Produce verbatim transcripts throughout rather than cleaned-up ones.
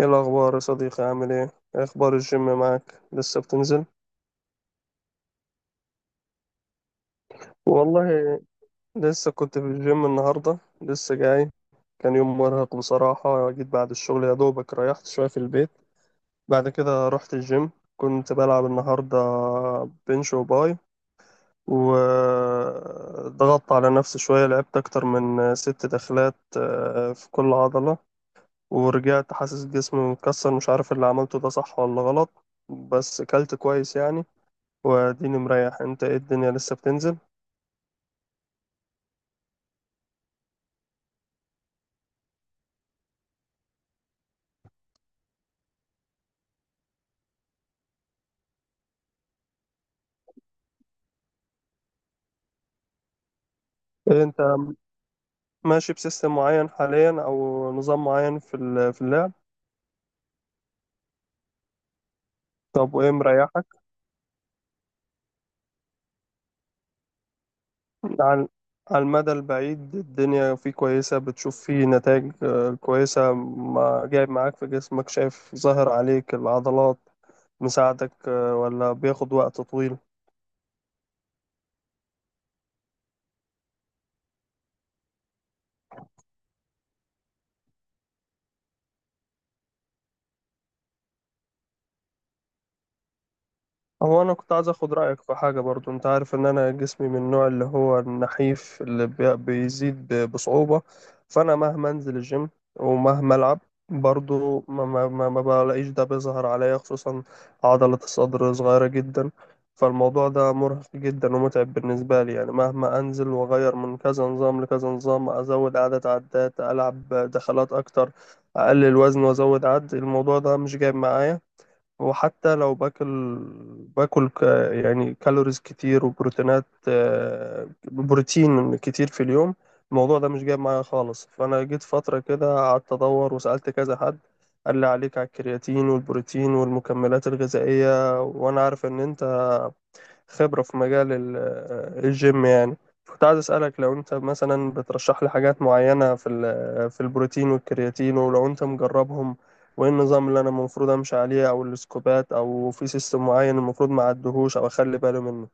ايه الاخبار يا صديقي عامل ايه؟ إيه اخبار الجيم معاك، لسه بتنزل؟ والله لسه كنت في الجيم النهارده، لسه جاي. كان يوم مرهق بصراحه، جيت بعد الشغل يا دوبك ريحت شويه في البيت، بعد كده رحت الجيم. كنت بلعب النهارده بنش وباي، وضغطت على نفسي شويه، لعبت اكتر من ست دخلات آه، في كل عضله. ورجعت حاسس جسمي مكسر، مش عارف اللي عملته ده صح ولا غلط، بس كلت كويس يعني. واديني مريح. انت ايه الدنيا، لسه بتنزل؟ إيه انت ماشي بسيستم معين حاليا او نظام معين في ال- في اللعب؟ طب وايه مريحك؟ على على المدى البعيد الدنيا فيه كويسة، بتشوف فيه نتائج آه، كويسة؟ ما جايب معاك في جسمك؟ شايف ظاهر عليك العضلات، مساعدك آه، ولا بياخد وقت طويل؟ هو انا كنت عايز اخد رايك في حاجه برضو. انت عارف ان انا جسمي من النوع اللي هو النحيف، اللي بي- بيزيد ب- بصعوبه، فانا مهما انزل الجيم ومهما العب برضو ما, ما, ما, ما بلاقيش ده بيظهر عليا، خصوصا عضله الصدر صغيره جدا. فالموضوع ده مرهق جدا ومتعب بالنسبه لي، يعني مهما انزل واغير من كذا نظام لكذا نظام، ازود عدد عدات، العب دخلات اكتر، اقلل وزن وازود عد، الموضوع ده مش جايب معايا. وحتى لو باكل، باكل ك يعني كالوريز كتير وبروتينات، آه، بروتين كتير في اليوم، الموضوع ده مش جايب معايا خالص. فأنا جيت فترة كده قعدت أدور وسألت كذا حد، قال لي عليك على الكرياتين والبروتين والمكملات الغذائية. وأنا عارف إن أنت خبرة في مجال ال- الجيم يعني، كنت عايز أسألك لو أنت مثلا بترشح لي حاجات معينة في ال- آه، في البروتين والكرياتين، ولو أنت مجربهم، وإيه النظام اللي أنا المفروض أمشي عليه، أو السكوبات، أو في سيستم معين المفروض ما أعدهوش أو أخلي بالي منه.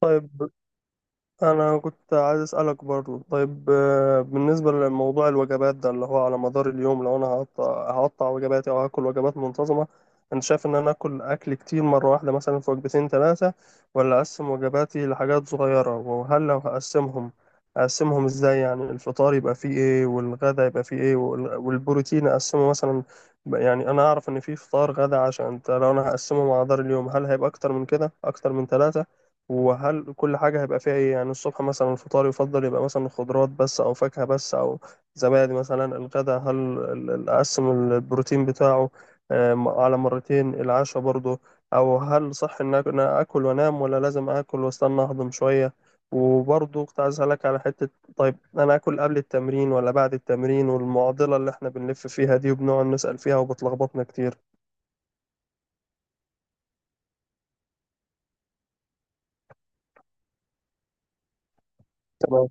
طيب انا كنت عايز اسالك برضو، طيب آه، بالنسبه لموضوع الوجبات ده اللي هو على مدار اليوم، لو انا هقطع هقطع وجباتي او هاكل وجبات منتظمه، انت شايف ان انا اكل اكل كتير مره واحده مثلا في وجبتين ثلاثه، ولا اقسم وجباتي لحاجات صغيره؟ وهل لو هقسمهم، اقسمهم ازاي؟ يعني الفطار يبقى فيه ايه، والغدا يبقى فيه ايه، وال- والبروتين اقسمه مثلا. يعني انا اعرف ان في فطار غدا عشاء، انت لو انا هقسمه على مدار اليوم، هل هيبقى اكتر من كده، اكتر من ثلاثه؟ وهل كل حاجة هيبقى فيها ايه؟ يعني الصبح مثلا الفطار يفضل يبقى مثلا خضروات بس او فاكهة بس او زبادي مثلا. الغداء هل ال- ال- اقسم البروتين بتاعه آه، م- على مرتين؟ العشاء برضه، او هل صح ان أك- إن أنا اكل وانام، ولا لازم اكل واستنى اهضم شوية؟ وبرضه كنت عايز اسالك على حتة، طيب انا اكل قبل التمرين ولا بعد التمرين؟ والمعضلة اللي احنا بنلف فيها دي وبنقعد نسأل فيها وبتلخبطنا كتير. تمام.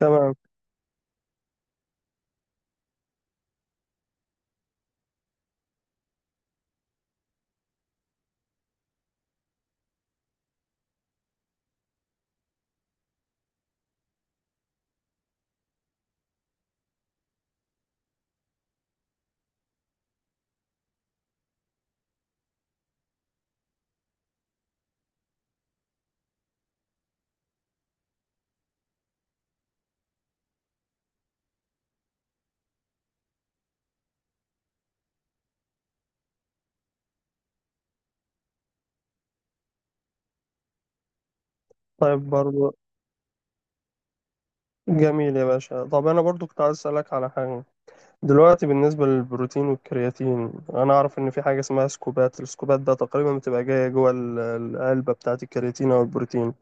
تمام. طيب برضه جميل يا باشا. طب انا برضو كنت عايز اسالك على حاجه. دلوقتي بالنسبه للبروتين والكرياتين، انا اعرف ان في حاجه اسمها سكوبات، السكوبات ده تقريبا بتبقى جايه جوه ال- العلبه بتاعه الكرياتين او البروتين،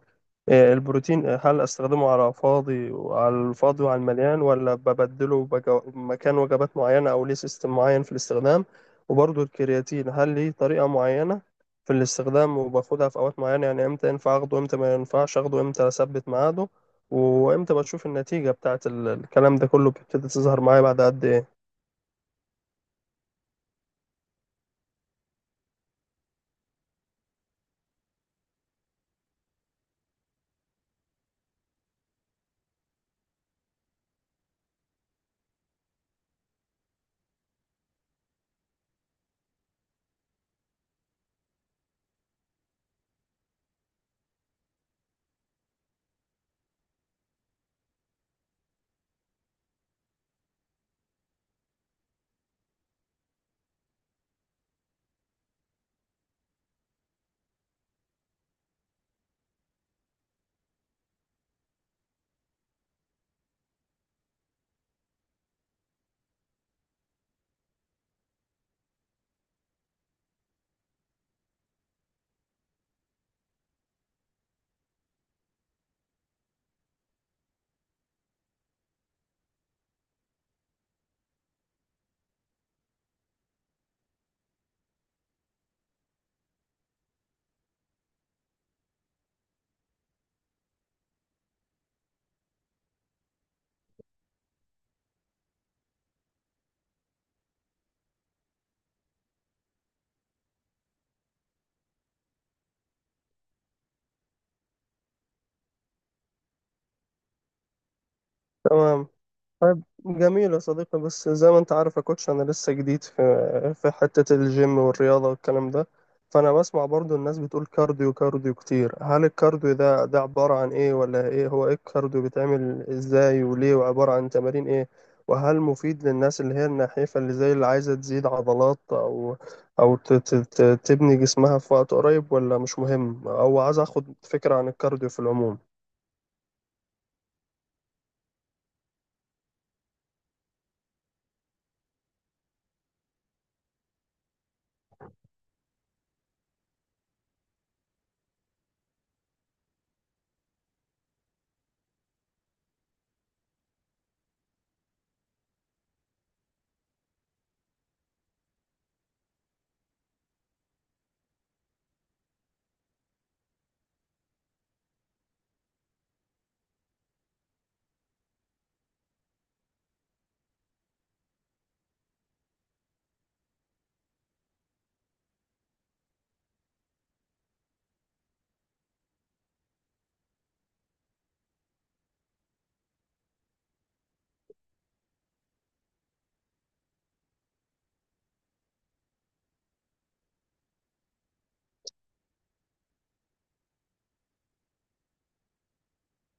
آه، البروتين، آه، هل استخدمه على فاضي وعلى الفاضي وعلى المليان، ولا ببدله بجو... مكان وجبات معينة، او ليه سيستم معين في الاستخدام؟ وبرضه الكرياتين، هل ليه طريقة معينة في الاستخدام، وباخدها في اوقات معينة؟ يعني امتى ينفع اخده، امتى ما ينفعش اخده، امتى اثبت ميعاده، وامتى بشوف النتيجة بتاعت ال- الكلام ده كله بتبتدي تظهر معايا بعد قد ايه؟ تمام. طيب جميل يا صديقي، بس زي ما انت عارف يا كوتش، انا لسه جديد في في حتة الجيم والرياضة والكلام ده. فانا بسمع برضو الناس بتقول كارديو كارديو كتير، هل الكارديو ده ده عبارة عن ايه، ولا ايه؟ هو ايه الكارديو، بيتعمل ازاي وليه، وعبارة عن تمارين ايه؟ وهل مفيد للناس اللي هي النحيفة اللي زي اللي عايزة تزيد عضلات او او ت- ت- ت- تبني جسمها في وقت قريب، ولا مش مهم؟ او عايز اخد فكرة عن الكارديو في العموم.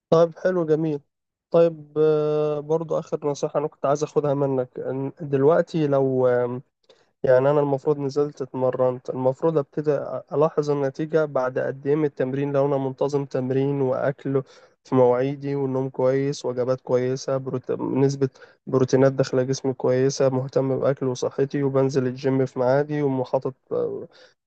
طيب حلو، جميل. طيب آه، برضو آخر نصيحة أنا كنت عايز أخدها منك، إن دلوقتي لو آم، يعني أنا المفروض نزلت اتمرنت، المفروض أبتدي ألاحظ النتيجة بعد قد إيه من التمرين، لو أنا منتظم تمرين وأكل في مواعيدي، والنوم كويس، وجبات كويسة، بروت... نسبة بروتينات داخلة جسمي كويسة، مهتم بأكل وصحتي، وبنزل الجيم في ميعادي، ومحاطط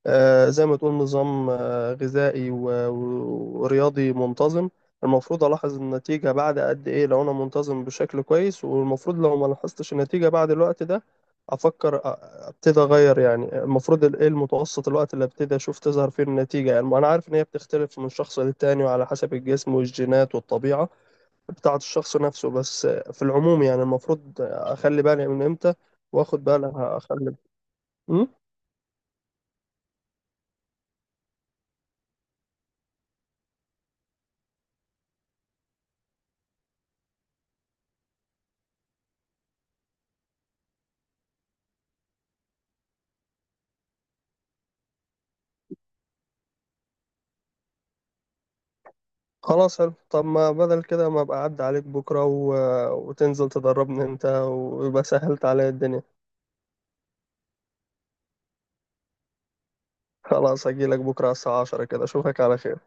آه، زي ما تقول نظام آه، غذائي و- و- ورياضي منتظم. المفروض ألاحظ النتيجة بعد قد إيه لو أنا منتظم بشكل كويس؟ والمفروض لو ما لاحظتش النتيجة بعد الوقت ده أفكر ابتدي اغير. يعني المفروض ال- ايه المتوسط الوقت اللي ابتدي اشوف تظهر فيه النتيجه؟ يعني ما انا عارف ان هي بتختلف من شخص للتاني، وعلى حسب الجسم والجينات والطبيعه بتاعه الشخص نفسه، بس في العموم يعني المفروض اخلي بالي من امتى واخد بالي اخلي. امم خلاص، حلو. طب ما بدل كده ما ابقى اعدي عليك بكره و... وتنزل تدربني انت، ويبقى سهلت عليا الدنيا. خلاص هجيلك بكره على الساعه عشرة كده، اشوفك على خير.